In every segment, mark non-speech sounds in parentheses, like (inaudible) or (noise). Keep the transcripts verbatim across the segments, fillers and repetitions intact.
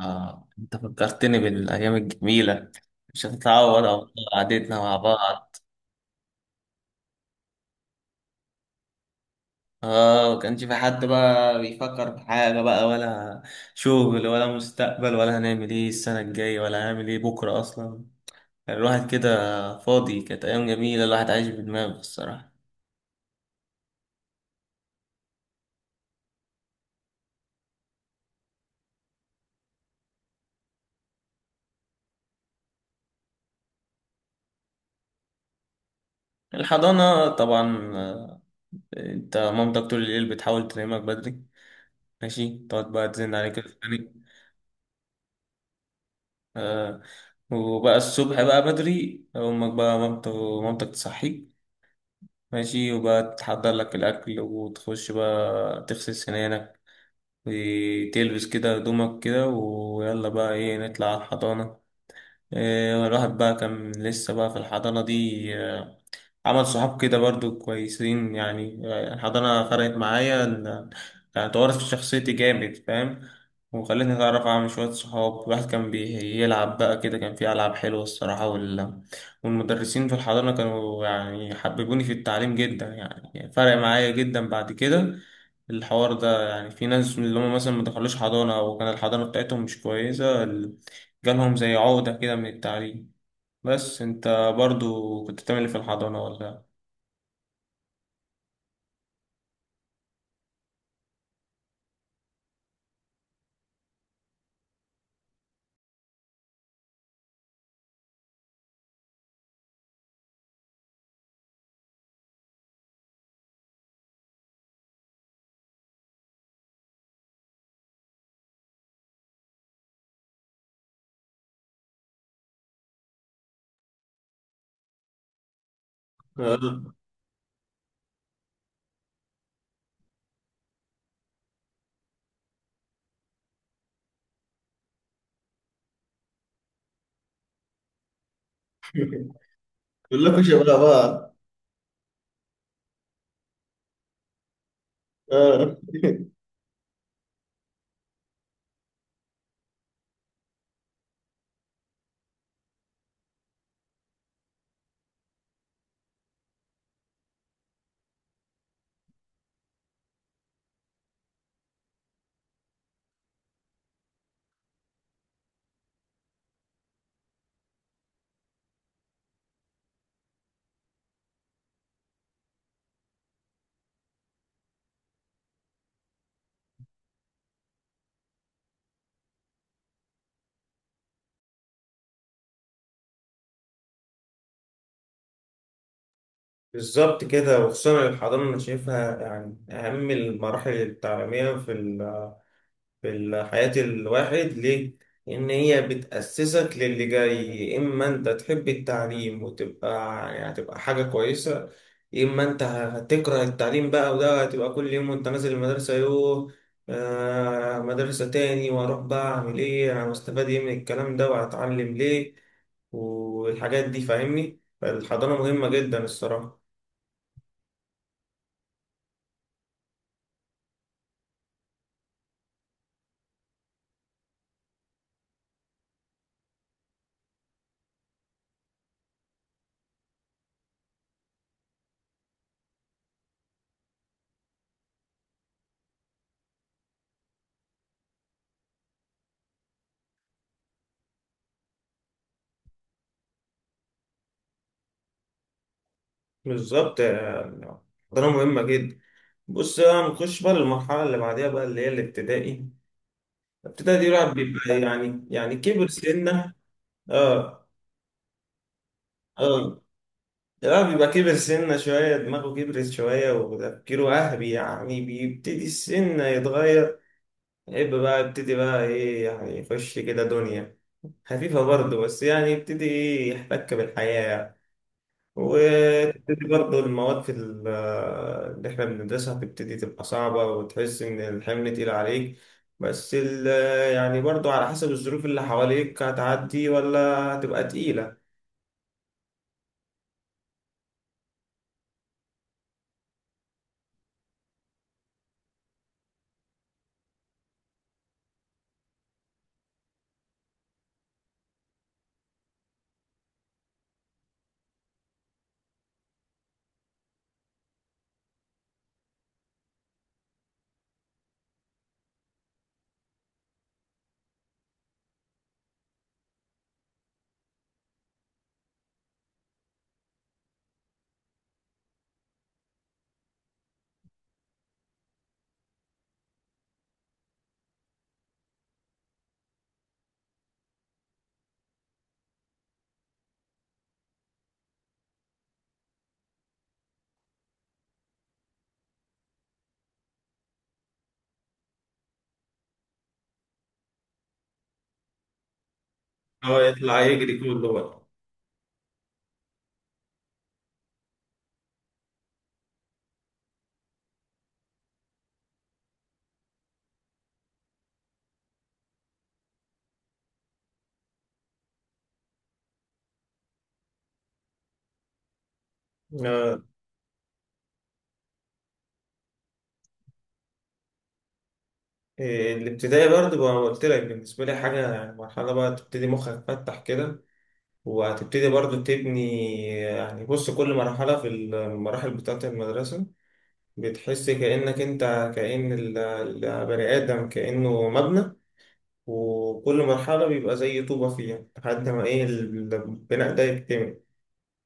آه، أنت فكرتني بالأيام الجميلة. مش هتتعوض على قعدتنا مع بعض. آه، مكانش في حد بقى بيفكر في حاجة بقى، ولا شغل ولا مستقبل، ولا هنعمل إيه السنة الجاية، ولا هنعمل إيه بكرة أصلا. كان الواحد كده فاضي، كانت أيام جميلة، الواحد عايش بدماغه الصراحة. الحضانة طبعا، آه، أنت مامتك طول الليل بتحاول تنامك بدري، ماشي، تقعد بقى تزن عليك. آه. وبقى الصبح بقى بدري، أمك بقى مامت مامتك تصحيك، ماشي، وبقى تحضر لك الأكل، وتخش بقى تغسل سنانك، وتلبس كده هدومك كده، ويلا بقى إيه نطلع على الحضانة. آه، الواحد بقى كان لسه بقى في الحضانة دي، آه، عمل صحاب كده برضو كويسين، يعني آه، الحضانة فرقت معايا ال- يعني طورت في شخصيتي جامد فاهم. وخلتني أتعرف على شوية صحاب، الواحد كان بيلعب بقى كده، كان في ألعاب حلوة الصراحة، وال... والمدرسين في الحضانة كانوا يعني حببوني في التعليم جدا، يعني فرق معايا جدا بعد كده الحوار ده. يعني في ناس من اللي هم مثلا ما دخلوش حضانة، أو كان الحضانة بتاعتهم مش كويسة، ال- جالهم زي عقدة كده من التعليم. بس انت برضو كنت بتعمل ايه في الحضانة ولا؟ آه. كلكم شباب بقى بقى. آه. (laughs) بالظبط كده. وخصوصا الحضانة أنا شايفها يعني أهم المراحل التعليمية في في حياة الواحد، ليه؟ إن هي بتأسسك للي جاي. يا إما أنت تحب التعليم وتبقى يعني هتبقى حاجة كويسة، يا إما أنت هتكره التعليم بقى، وده هتبقى كل يوم وأنت نازل المدرسة يوه، آه مدرسة تاني، وأروح بقى أعمل إيه، أنا مستفاد إيه من الكلام ده، وهتعلم ليه والحاجات دي فاهمني؟ فالحضانة مهمة جدا الصراحة. بالظبط. آه، الحضانة مهمة جدا. بص بقى نخش بقى للمرحلة اللي بعديها بقى، اللي هي الابتدائي. ابتدائي الواحد بيبقى يعني يعني كبر سنة. اه. اه. الواحد بيبقى كبر سنة شوية، دماغه كبرت شوية، وتفكيره أهبي، يعني بيبتدي السن يتغير، يبقى بقى يبتدي بقى إيه يعني يخش كده دنيا خفيفة برضه، بس يعني يبتدي إيه يحتك بالحياة. وتبتدي برضه المواد في ال- اللي احنا بندرسها تبتدي تبقى صعبة، وتحس إن الحمل تقيل عليك. بس ال- يعني برضه على حسب الظروف اللي حواليك هتعدي ولا هتبقى تقيلة. هو يطلع يجري كله بقى. آه، إيه، الابتدائي برضه بقى قلت لك بالنسبة لي حاجة، يعني مرحلة بقى تبتدي مخك يتفتح كده، وهتبتدي برضه تبني. يعني بص، كل مرحلة في المراحل بتاعة المدرسة بتحس كأنك أنت، كأن ال- البني آدم كأنه مبنى، وكل مرحلة بيبقى زي طوبة فيها لحد ما إيه البناء ده يكتمل.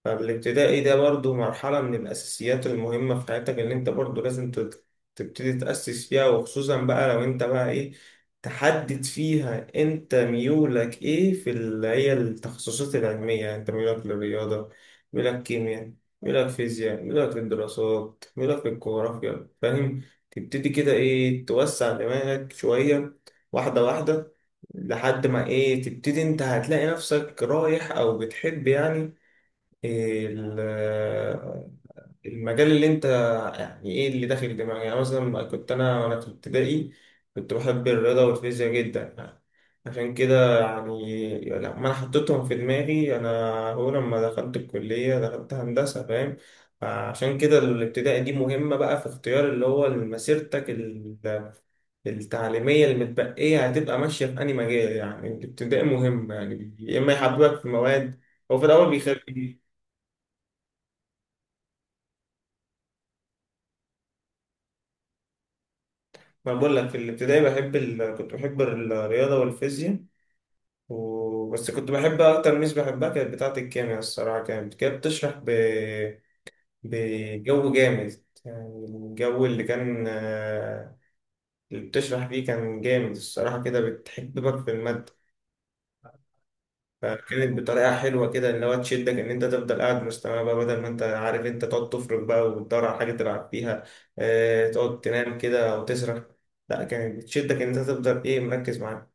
فالابتدائي ده برضو مرحلة من الأساسيات المهمة في حياتك، اللي أنت برضو لازم تت- تبتدي تأسس فيها. وخصوصا بقى لو أنت بقى إيه تحدد فيها أنت ميولك إيه، في اللي هي التخصصات العلمية، يعني أنت ميولك للرياضة، ميولك كيمياء، ميولك فيزياء، ميولك للدراسات، ميولك للجغرافيا فاهم. تبتدي كده إيه توسع دماغك شوية، واحدة واحدة، لحد ما إيه تبتدي أنت هتلاقي نفسك رايح أو بتحب يعني ال- المجال اللي انت، يعني ايه اللي داخل دماغي. يعني مثلا كنت انا وانا في ابتدائي كنت بحب الرياضة والفيزياء جدا، يعني عشان كده يعني لما انا حطيتهم في دماغي انا، هو لما دخلت الكلية دخلت هندسة فاهم. عشان كده الابتدائي دي مهمة بقى في اختيار اللي هو مسيرتك ال- التعليمية، اللي متبقية هتبقى ماشية في أي مجال. يعني الابتدائي مهم يعني، يا إما يحببك في مواد. هو في الأول بيخاف. ما بقول لك في الابتدائي بحب ال... كنت بحب الرياضة والفيزياء، و... بس كنت بحب أكتر ميس بحبها كانت بتاعة الكيمياء الصراحة، كانت كانت بتشرح ب... بجو جامد. يعني الجو اللي كان، آه، اللي بتشرح فيه كان جامد الصراحة، كده بتحببك في المادة. فكانت بطريقة حلوة كده اللي هو تشدك إن أنت تفضل قاعد مستمع بقى، بدل ما أنت عارف أنت تقعد تفرك بقى وتدور على حاجة تلعب فيها، آه، تقعد تنام كده أو تسرح. لا، كانت بتشدك إن أنت تفضل إيه مركز معاها.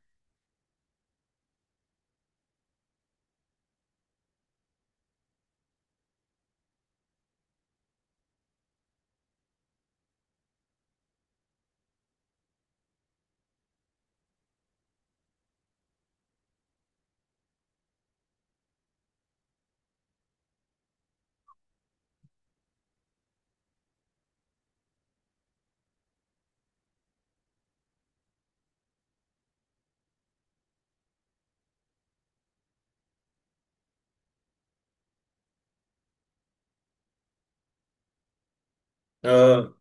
اه.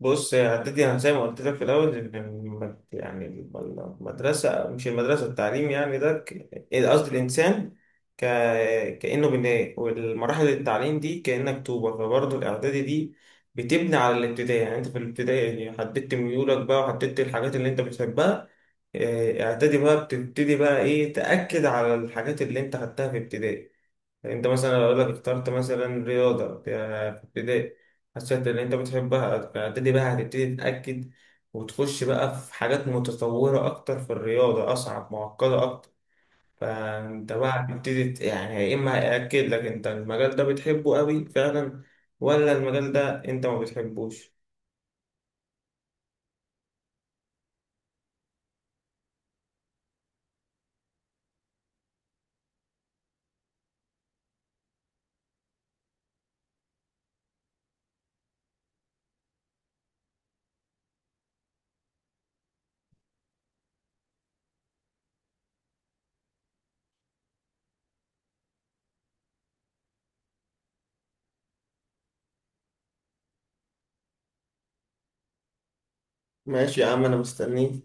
بص يا عدتي، انا زي ما قلت لك في الاول، إن الم- يعني المدرسه، مش المدرسه، التعليم يعني ده ك- إيه، قصدي الانسان ك... كانه بناء، والمراحل التعليم دي كانك طوبه، فبرضه الاعدادي دي بتبني على الابتدائي. يعني انت في الابتدائي حددت ميولك بقى، وحددت الحاجات اللي انت بتحبها. آه، اعدادي بقى بتبتدي بقى ايه تاكد على الحاجات اللي انت خدتها في ابتدائي. انت مثلا لو لك اخترت مثلا رياضة ك- في ابتدائي، حسيت ان انت بتحبها فابتدي بقى هتبتدي تتأكد، وتخش بقى في حاجات متطورة اكتر في الرياضة، اصعب معقدة اكتر. فانت بقى هتبتدي ت- يعني يا اما هيأكد لك انت المجال ده بتحبه قوي فعلا، ولا المجال ده انت ما بتحبوش. ماشي يا عم، انا مستنيك.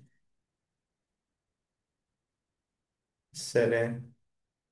سلام.